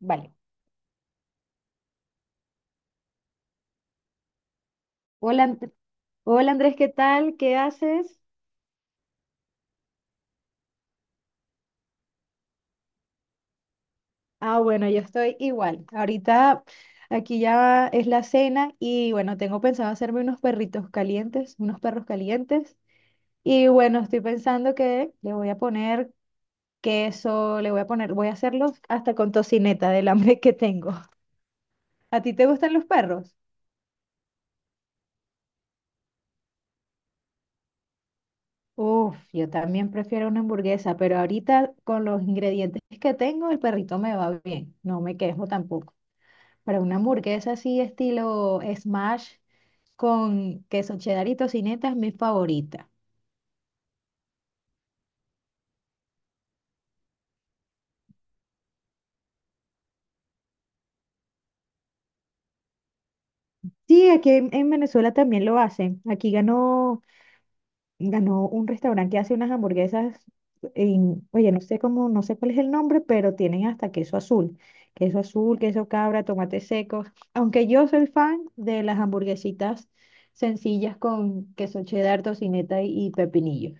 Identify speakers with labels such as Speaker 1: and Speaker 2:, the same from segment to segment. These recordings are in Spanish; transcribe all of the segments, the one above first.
Speaker 1: Vale. Hola, hola Andrés, ¿qué tal? ¿Qué haces? Ah, bueno, yo estoy igual. Ahorita aquí ya es la cena y bueno, tengo pensado hacerme unos perritos calientes, unos perros calientes. Y bueno, estoy pensando que le voy a poner queso, le voy a poner, voy a hacerlos hasta con tocineta del hambre que tengo. ¿A ti te gustan los perros? Uf, yo también prefiero una hamburguesa, pero ahorita con los ingredientes que tengo, el perrito me va bien. No me quejo tampoco. Para una hamburguesa así estilo smash con queso cheddar y tocineta es mi favorita. Sí, aquí en Venezuela también lo hacen. Aquí ganó un restaurante que hace unas hamburguesas oye, no sé cuál es el nombre, pero tienen hasta queso azul. Queso azul, queso cabra, tomates secos. Aunque yo soy fan de las hamburguesitas sencillas con queso cheddar, tocineta y pepinillo.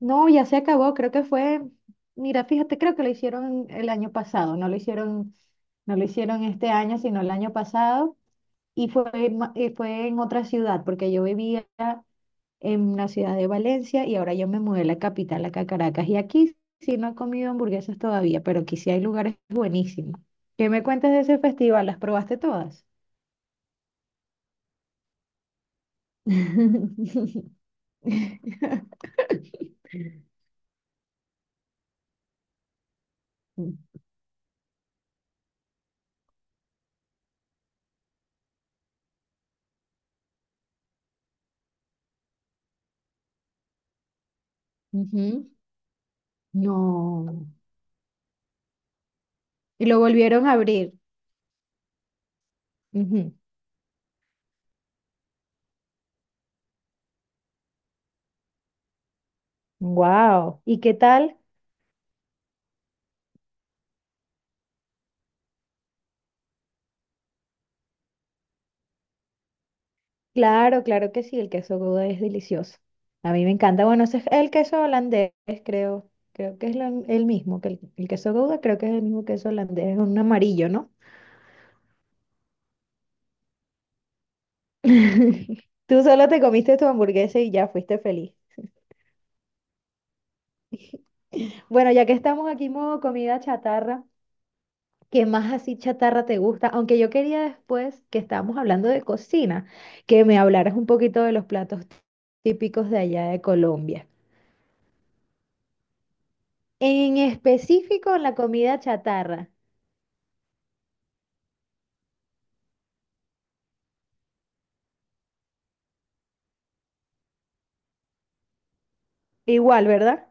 Speaker 1: No, ya se acabó, mira, fíjate, creo que lo hicieron el año pasado, no lo hicieron este año, sino el año pasado, y fue en otra ciudad, porque yo vivía en la ciudad de Valencia y ahora yo me mudé a la capital, acá a Caracas, y aquí sí no he comido hamburguesas todavía, pero aquí sí hay lugares buenísimos. ¿Qué me cuentas de ese festival? ¿Las probaste todas? Ujú. No. Y lo volvieron a abrir. Ujú. Wow. ¿Y qué tal? Claro, claro que sí, el queso Gouda es delicioso. A mí me encanta. Bueno, ese es el queso holandés, creo. Creo que es el mismo que el queso Gouda, creo que es el mismo queso holandés, es un amarillo, ¿no? Tú solo te comiste tu hamburguesa y ya fuiste feliz. Bueno, ya que estamos aquí en modo comida chatarra, ¿qué más así chatarra te gusta? Aunque yo quería después que estábamos hablando de cocina, que me hablaras un poquito de los platos típicos de allá de Colombia. En específico, la comida chatarra. Igual, ¿verdad?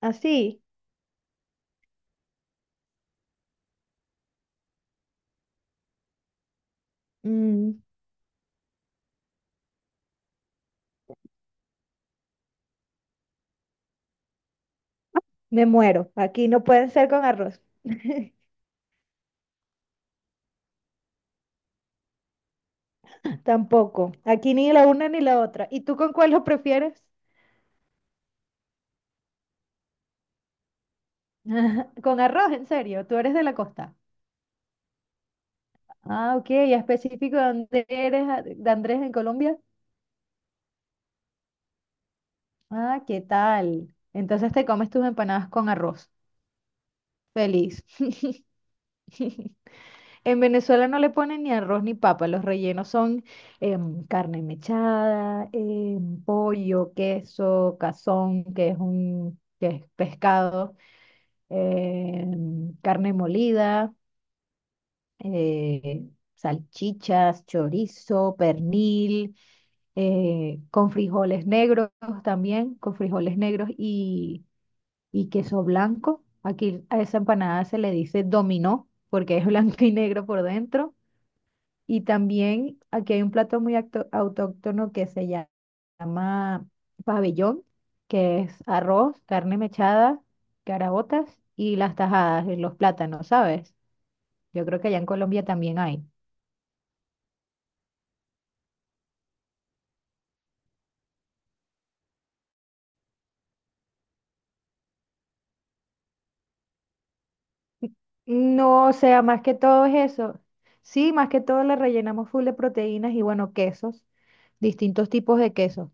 Speaker 1: Así. Mm, me muero. Aquí no pueden ser con arroz. Tampoco. Aquí ni la una ni la otra. ¿Y tú con cuál lo prefieres? Ajá, con arroz, en serio, tú eres de la costa. Ah, ok, ¿y específico de dónde eres, de Andrés, en Colombia? Ah, ¿qué tal? Entonces te comes tus empanadas con arroz. Feliz. En Venezuela no le ponen ni arroz ni papa, los rellenos son carne mechada, pollo, queso, cazón, que es pescado, carne molida, eh, salchichas, chorizo, pernil, con frijoles negros también, con frijoles negros y queso blanco. Aquí a esa empanada se le dice dominó porque es blanco y negro por dentro. Y también aquí hay un plato muy autóctono que se llama pabellón, que es arroz, carne mechada, caraotas y las tajadas, y los plátanos, ¿sabes? Yo creo que allá en Colombia también hay. No, o sea, más que todo es eso. Sí, más que todo le rellenamos full de proteínas y bueno, quesos, distintos tipos de quesos.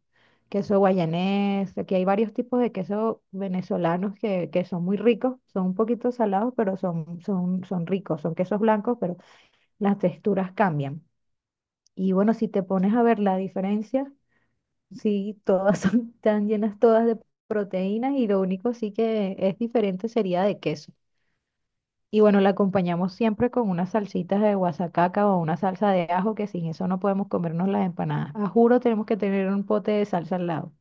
Speaker 1: Queso guayanés, aquí hay varios tipos de queso venezolanos que son muy ricos, son un poquito salados, pero son ricos, son quesos blancos, pero las texturas cambian. Y bueno, si te pones a ver la diferencia, sí, todas son, están llenas todas de proteínas y lo único sí que es diferente sería de queso. Y bueno, la acompañamos siempre con unas salsitas de guasacaca o una salsa de ajo, que sin eso no podemos comernos las empanadas. A juro, tenemos que tener un pote de salsa al lado.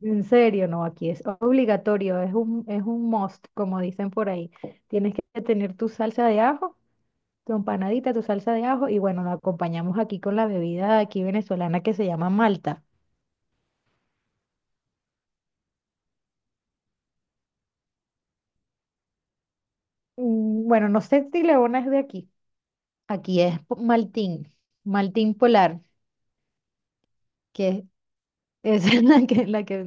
Speaker 1: En serio, no, aquí es obligatorio, es un must, como dicen por ahí. Tienes que tener tu salsa de ajo, tu empanadita, tu salsa de ajo, y bueno, la acompañamos aquí con la bebida aquí venezolana que se llama Malta. Mm, bueno, no sé si Leona es de aquí. Aquí es Maltín Polar, que es la que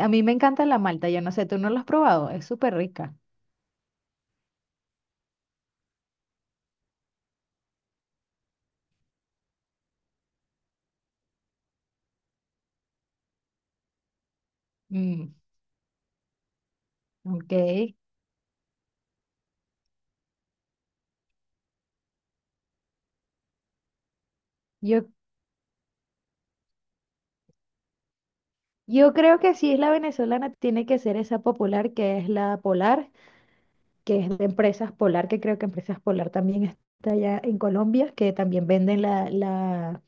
Speaker 1: A mí me encanta la malta, yo no sé, tú no la has probado, es súper rica. Mm, ok, yo, yo creo que si es la venezolana, tiene que ser esa popular, que es la Polar, que es de Empresas Polar, que creo que Empresas Polar también está allá en Colombia, que también venden la, la,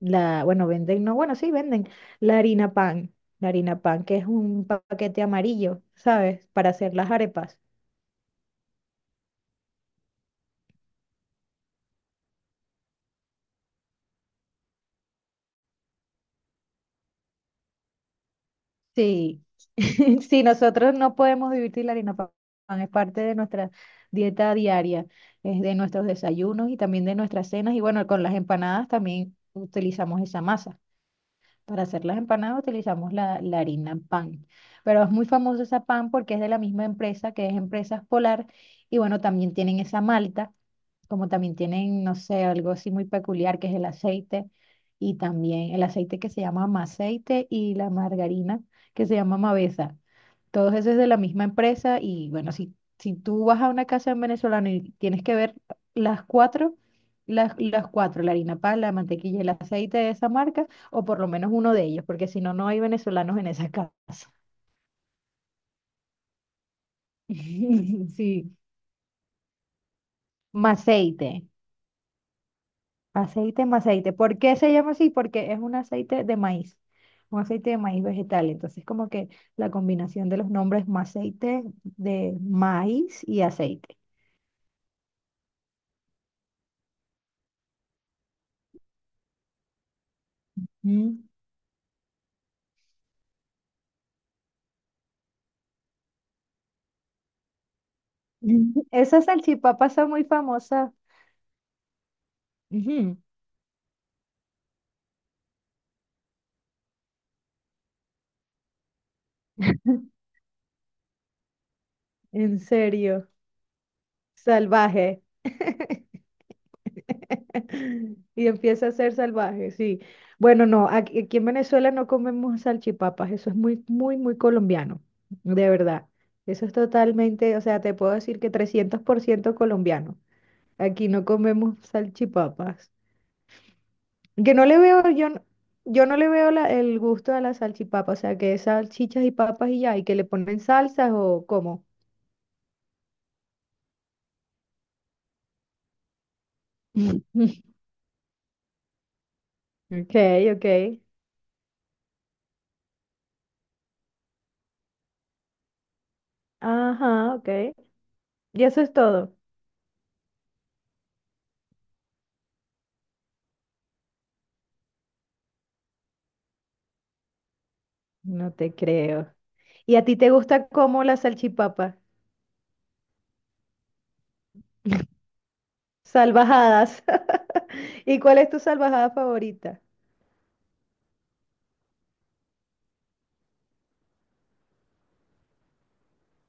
Speaker 1: la, bueno, venden, no, bueno, sí, venden la harina pan, la harina pan, que es un paquete amarillo, ¿sabes? Para hacer las arepas. Sí. Sí, nosotros no podemos divertir la harina pan, es parte de nuestra dieta diaria, es de nuestros desayunos y también de nuestras cenas. Y bueno, con las empanadas también utilizamos esa masa. Para hacer las empanadas utilizamos la harina pan. Pero es muy famosa esa pan porque es de la misma empresa que es Empresas Polar. Y bueno, también tienen esa malta, como también tienen, no sé, algo así muy peculiar que es el aceite. Y también el aceite que se llama maceite y la margarina que se llama mavesa. Todos esos de la misma empresa y bueno, si tú vas a una casa en venezolano y tienes que ver las cuatro, las cuatro, la harina pan, la mantequilla y el aceite de esa marca, o por lo menos uno de ellos, porque si no, no hay venezolanos en esa casa. Sí, maceite, aceite, maceite. ¿Por qué se llama así? Porque es un aceite de maíz, un aceite de maíz vegetal. Entonces, como que la combinación de los nombres maceite de maíz y aceite. Mm. Esas salchipapas son muy famosas. Ujú. En serio, salvaje. Y empieza a ser salvaje, sí. Bueno, no, aquí, aquí en Venezuela no comemos salchipapas, eso es muy, muy, muy colombiano, de verdad. Eso es totalmente, o sea, te puedo decir que 300% colombiano. Aquí no comemos salchipapas. Que no le veo, yo, yo no le veo el gusto a la salchipapa, o sea, que es salchichas y papas y ya, y que le ponen salsas o cómo. Ok, ok. Ajá, ok. Y eso es todo. No te creo. ¿Y a ti te gusta como la salchipapa? Salvajadas. ¿Y cuál es tu salvajada favorita?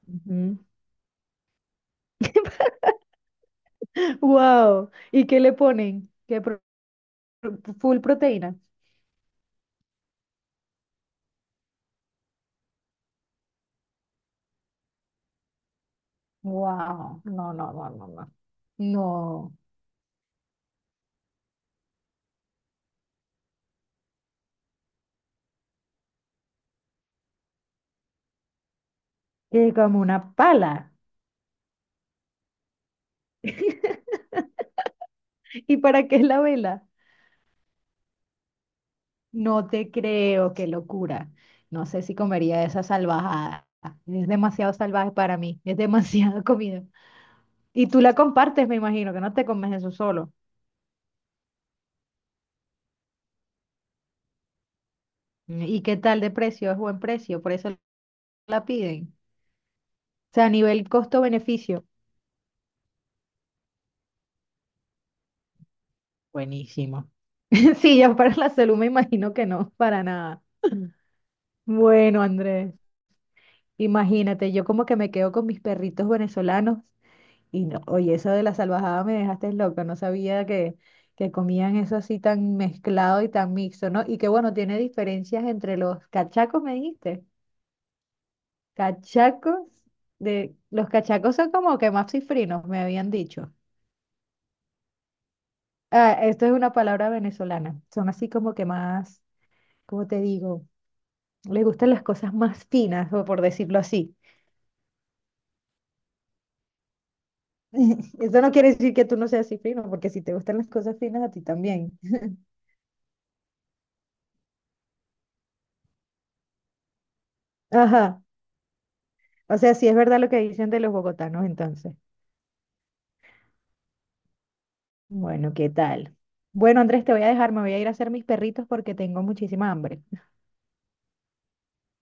Speaker 1: Ujú. Wow. ¿Y qué le ponen? ¿Qué full proteína? Wow. No, no, no, no, no. No. Que como una pala. ¿Y para qué es la vela? No te creo, qué locura. No sé si comería esa salvajada. Es demasiado salvaje para mí, es demasiada comida. Y tú la compartes, me imagino, que no te comes eso solo. ¿Y qué tal de precio? Es buen precio, por eso la piden. O sea, a nivel costo-beneficio, buenísimo. Sí, ya para la salud me imagino que no, para nada. Bueno, Andrés, imagínate, yo como que me quedo con mis perritos venezolanos. No, oye, eso de la salvajada me dejaste loca, no sabía que comían eso así tan mezclado y tan mixto, ¿no? Y que bueno, tiene diferencias entre los cachacos, me dijiste. Cachacos De los cachacos son como que más cifrinos, me habían dicho. Ah, esto es una palabra venezolana. Son así como que más, ¿cómo te digo? Les gustan las cosas más finas, o por decirlo así. Eso no quiere decir que tú no seas cifrino, porque si te gustan las cosas finas, a ti también. Ajá. O sea, sí es verdad lo que dicen de los bogotanos entonces. Bueno, ¿qué tal? Bueno, Andrés, te voy a dejar, me voy a ir a hacer mis perritos porque tengo muchísima hambre.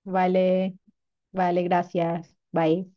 Speaker 1: Vale, vale, gracias. Bye.